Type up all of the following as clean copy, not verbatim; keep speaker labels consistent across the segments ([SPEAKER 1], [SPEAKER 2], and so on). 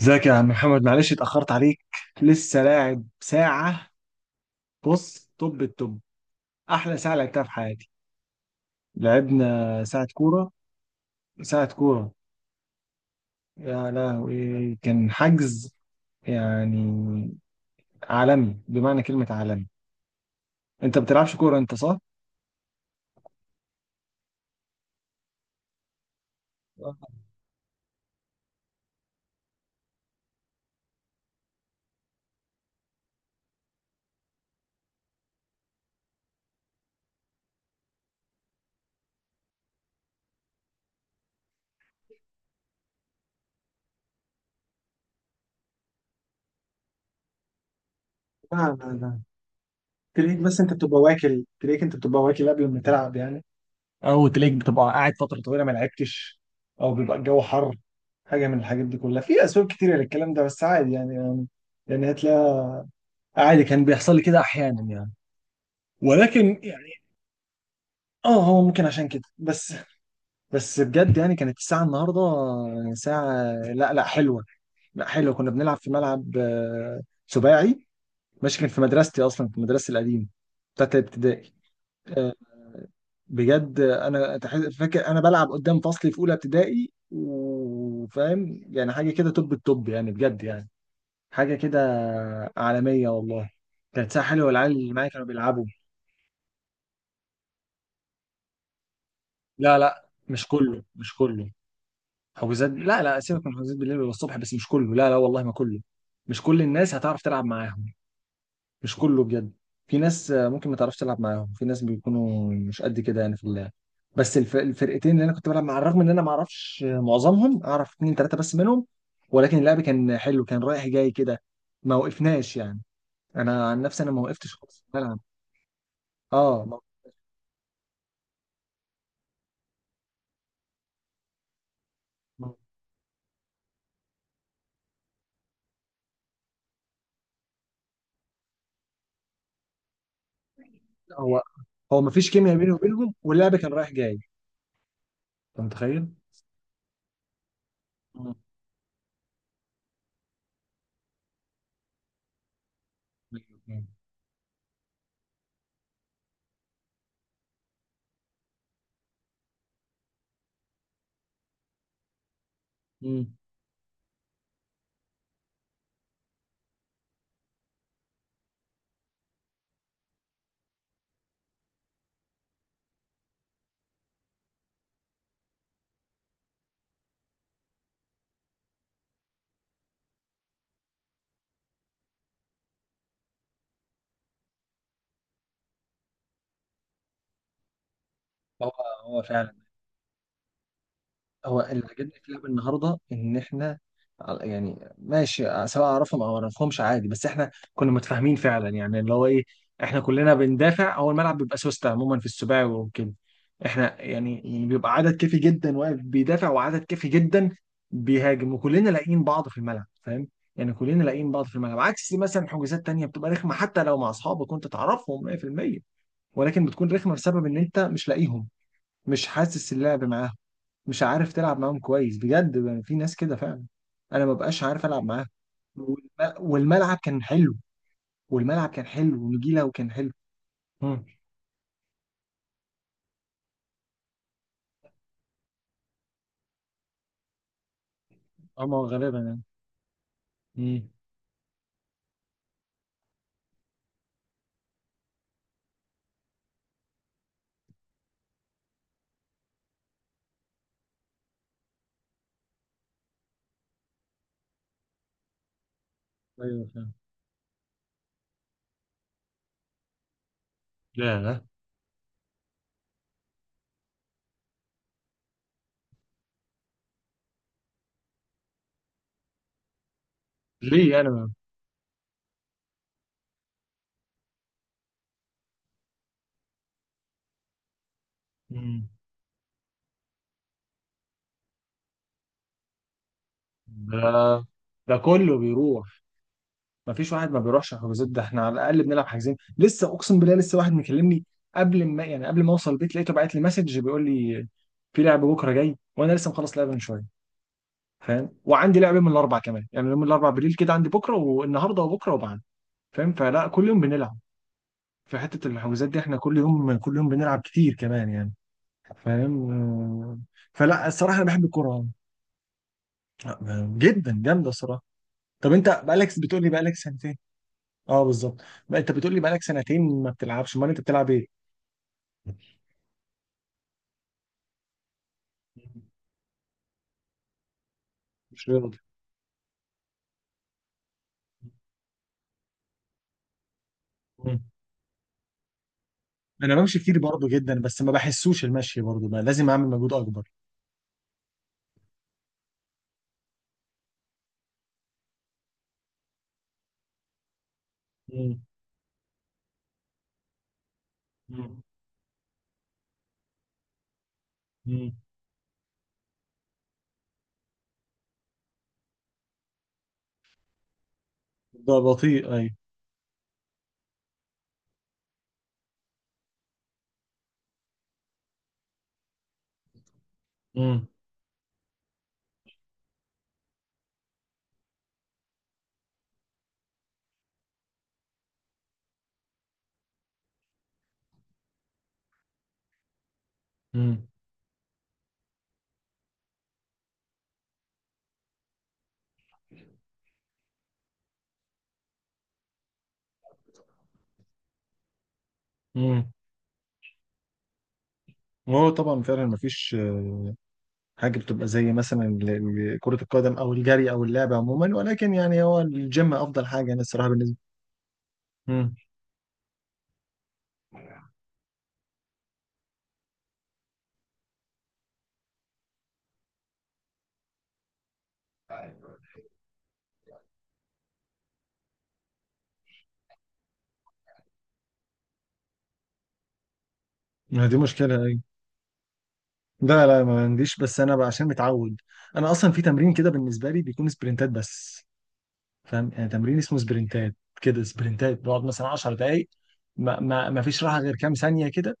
[SPEAKER 1] ازيك يا عم محمد، معلش اتأخرت عليك. لسه لاعب ساعة. بص، طب، أحلى ساعة لعبتها في حياتي. لعبنا ساعة كورة. ساعة كورة. يا لهوي، كان حجز يعني عالمي بمعنى كلمة عالمي. أنت ما بتلعبش كورة أنت، صح؟ لا لا لا. تلاقيك بس أنت بتبقى واكل تلاقيك أنت بتبقى واكل قبل ما تلعب يعني. او تلاقيك بتبقى قاعد فتره طويله ما لعبتش، او بيبقى الجو حر. حاجه من الحاجات دي كلها، في اسباب كتيره للكلام ده، بس عادي يعني. يعني هتلاقي، عادي كان بيحصل لي كده احيانا يعني. ولكن يعني اه، هو ممكن عشان كده بس بجد يعني، كانت الساعه النهارده يعني ساعه، لا لا حلوه، لا حلوه. كنا بنلعب في ملعب، آه، سباعي. ماشي، كان في مدرستي اصلا، في مدرستي القديمه بتاعت الابتدائي. آه، بجد انا فاكر انا بلعب قدام فصلي في اولى ابتدائي، وفاهم يعني حاجه كده توب التوب يعني، بجد يعني حاجه كده عالميه والله. كانت ساعه حلوه، والعيال اللي معايا كانوا بيلعبوا. لا لا، مش كله، مش كله. حجوزات، لا لا، سيبك من حجوزات بالليل والصبح، بس مش كله، لا لا والله ما كله. مش كل الناس هتعرف تلعب معاهم. مش كله بجد. في ناس آه، ممكن ما تعرفش تلعب معاهم، في ناس بيكونوا مش قد كده يعني في اللعب. بس الفرقتين اللي انا كنت بلعب مع، الرغم ان انا ما اعرفش معظمهم، اعرف اتنين تلاته بس منهم، ولكن اللعب كان حلو، كان رايح جاي كده، ما وقفناش يعني. انا عن نفسي انا ما وقفتش خالص في الملعب. اه، ما- هو هو ما فيش كيمياء بيني وبينهم، واللعب كان رايح جاي. انت متخيل؟ مم. مم. هو هو فعلا. هو اللي عجبني في اللعبه النهارده ان احنا يعني ماشي، سواء اعرفهم او ما اعرفهمش عادي، بس احنا كنا متفاهمين فعلا يعني اللي هو ايه، احنا كلنا بندافع. هو الملعب بيبقى سوستة عموما في السباعي وكده. احنا يعني بيبقى عدد كافي جدا واقف بيدافع، وعدد كافي جدا بيهاجم، وكلنا لاقيين بعض في الملعب فاهم، يعني كلنا لاقيين بعض في الملعب، عكس مثلا حجوزات تانية بتبقى رخمة حتى لو مع اصحابك وانت تعرفهم 100%، ولكن بتكون رخمة بسبب ان انت مش لاقيهم، مش حاسس اللعب معاهم، مش عارف تلعب معاهم كويس بجد. يعني في ناس كده فعلا، انا ما بقاش عارف العب معاهم. والملعب كان حلو. والملعب كان حلو ونجيله وكان حلو. مم. اه ما هو غالبا يعني. مم. ايوه فعلا. لا لا. ليه؟ انا مم. ده ده كله بيروح. ما فيش واحد ما بيروحش الحجوزات ده. احنا على الاقل بنلعب، حاجزين لسه. اقسم بالله، لسه واحد مكلمني قبل ما يعني، قبل ما اوصل البيت، لقيته بعت لي مسج بيقول لي في لعب بكره جاي، وانا لسه مخلص لعبه من شويه فاهم. وعندي لعبه من الاربع كمان، يعني يوم الاربع بالليل كده عندي، بكره والنهارده وبكره وبعد فاهم. فلا، كل يوم بنلعب. في حته الحجوزات دي، احنا كل يوم كل يوم بنلعب كتير كمان يعني، فاهم. آه، فلا الصراحه انا بحب الكوره. آه، جدا جامده الصراحه. طب، انت بقالك بتقول لي بقالك سنتين؟ اه بالظبط. بقى انت بتقول لي بقالك سنتين ما بتلعبش، امال انت بتلعب ايه؟ مش رياضي. مم. انا بمشي كتير برضه جدا، بس ما بحسوش المشي برضه، بقى لازم اعمل مجهود اكبر. مم. مم. مم. ده بطيء، ايوه. امم. امم. امم. وهو طبعا فعلا مفيش آه، حاجه بتبقى زي مثلا كره القدم او الجري او اللعبه عموما، ولكن يعني هو الجيم افضل حاجه انا الصراحه بالنسبه. امم. دي مشكله، ايوه. لا لا، ما عنديش، بس انا بقى عشان متعود. انا اصلا في تمرين كده بالنسبه لي، بيكون سبرنتات بس فاهم. يعني تمرين اسمه سبرنتات كده، سبرنتات بقعد مثلا 10 دقائق، ما فيش راحه غير كام ثانيه كده.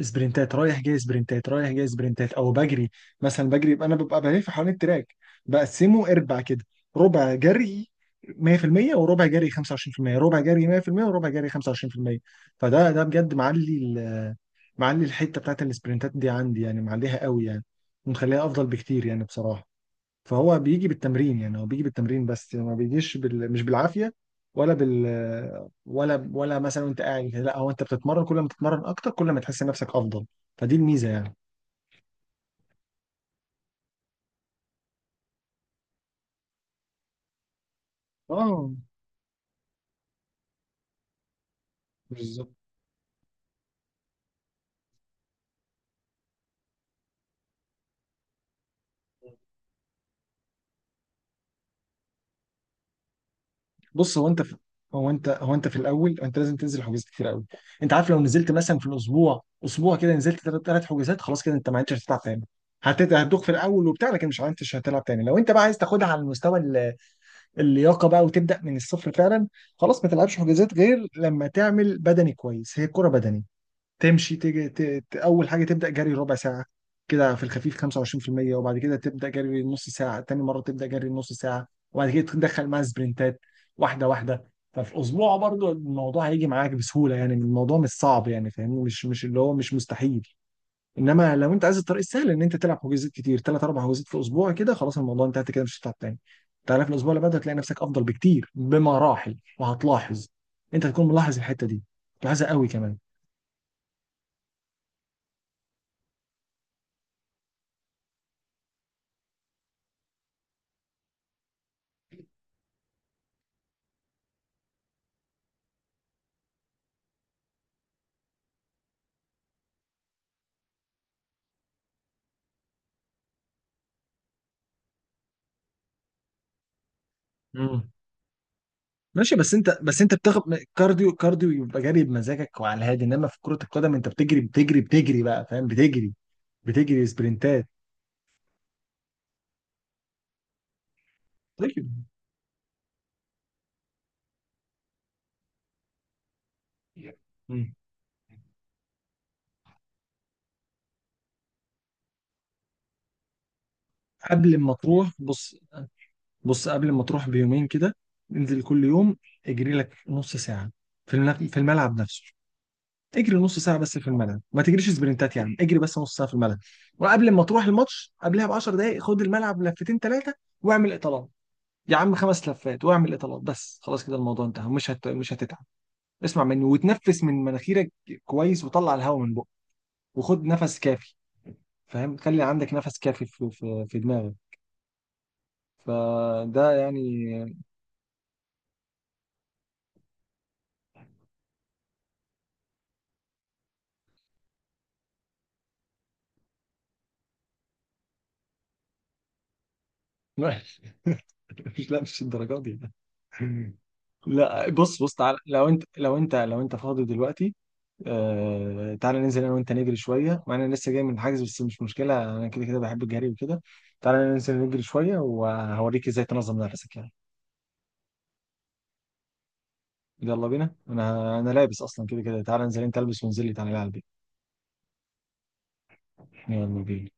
[SPEAKER 1] سبرنتات رايح جاي، سبرنتات رايح جاي، سبرنتات، او بجري. مثلا بجري يبقى انا ببقى بلف حوالين التراك، بقسمه اربع كده: ربع جري 100% وربع جري 25%، ربع جري 100% وربع جري 25%. فده بجد معلي معلي الحته بتاعت السبرنتات دي عندي يعني، معليها قوي يعني، ومخليها افضل بكتير يعني بصراحه. فهو بيجي بالتمرين يعني، هو بيجي بالتمرين بس يعني ما بيجيش مش بالعافية ولا ولا مثلا وانت قاعد كده. لا، هو انت بتتمرن، كل ما تتمرن اكتر كل ما تحس نفسك افضل، فدي الميزة يعني. اه بالظبط. بص، هو انت هو انت في الاول، انت لازم تنزل حجوزات كتير قوي. انت عارف، لو نزلت مثلا في الاسبوع اسبوع كده، نزلت ثلاث حجوزات، خلاص كده انت ما عدتش هتلعب تاني. هتدوخ في الاول وبتاع، لكن مش عارف هتلعب تاني. لو انت بقى عايز تاخدها على المستوى، اللياقه بقى، وتبدا من الصفر فعلا، خلاص ما تلعبش حجازات غير لما تعمل بدني كويس، هي كرة بدني. تمشي تيجي اول حاجه تبدا جري ربع ساعه كده في الخفيف 25%، وبعد كده تبدا جري نص ساعه، تاني مره تبدا جري نص ساعه، وبعد كده تدخل مع سبرنتات، واحده واحده. ففي اسبوع برضو الموضوع هيجي معاك بسهوله يعني، الموضوع مش صعب يعني فاهمني، مش اللي هو مش مستحيل. انما لو انت عايز الطريق السهل ان انت تلعب حجوزات كتير، ثلاث اربع حجوزات في الاسبوع كده، خلاص الموضوع انتهت كده، مش هتتعب تاني. تعالى في الاسبوع اللي بعده هتلاقي نفسك افضل بكتير، بمراحل، وهتلاحظ. انت هتكون ملاحظ الحته دي، ملاحظها قوي كمان. مم. ماشي، بس انت بتاخد كارديو، كارديو يبقى جري بمزاجك وعلى الهادي، انما في كرة القدم انت بتجري بتجري بتجري بقى فاهم، بتجري بتجري سبرنتات. طيب. مم. قبل ما تروح بص، قبل ما تروح بيومين كده، انزل كل يوم، اجري لك نص ساعة في الملعب، في الملعب نفسه، اجري نص ساعة بس في الملعب، ما تجريش سبرنتات، يعني اجري بس نص ساعة في الملعب. وقبل ما تروح الماتش قبلها ب 10 دقايق، خد الملعب لفتين ثلاثة واعمل اطالات، يا عم خمس لفات، واعمل اطالات بس، خلاص كده الموضوع انتهى، مش مش هتتعب. اسمع مني وتنفس من مناخيرك كويس، وطلع الهواء من بقك، وخد نفس كافي فاهم، خلي عندك نفس كافي في دماغك. فده يعني. لا. مش لا، مش الدرجات دي. لا، بص، بص تعالى لو انت فاضي دلوقتي، آه تعالى ننزل انا وانت نجري شويه، مع إن انا لسه جاي من الحجز بس مش مشكله، انا كده كده بحب الجري وكده، تعالى ننزل نجري شويه وهوريك ازاي تنظم نفسك يعني. يلا بينا، انا لابس اصلا كده كده، تعالى انزل انت، البس وانزل لي تعالى على البيت. يلا بينا.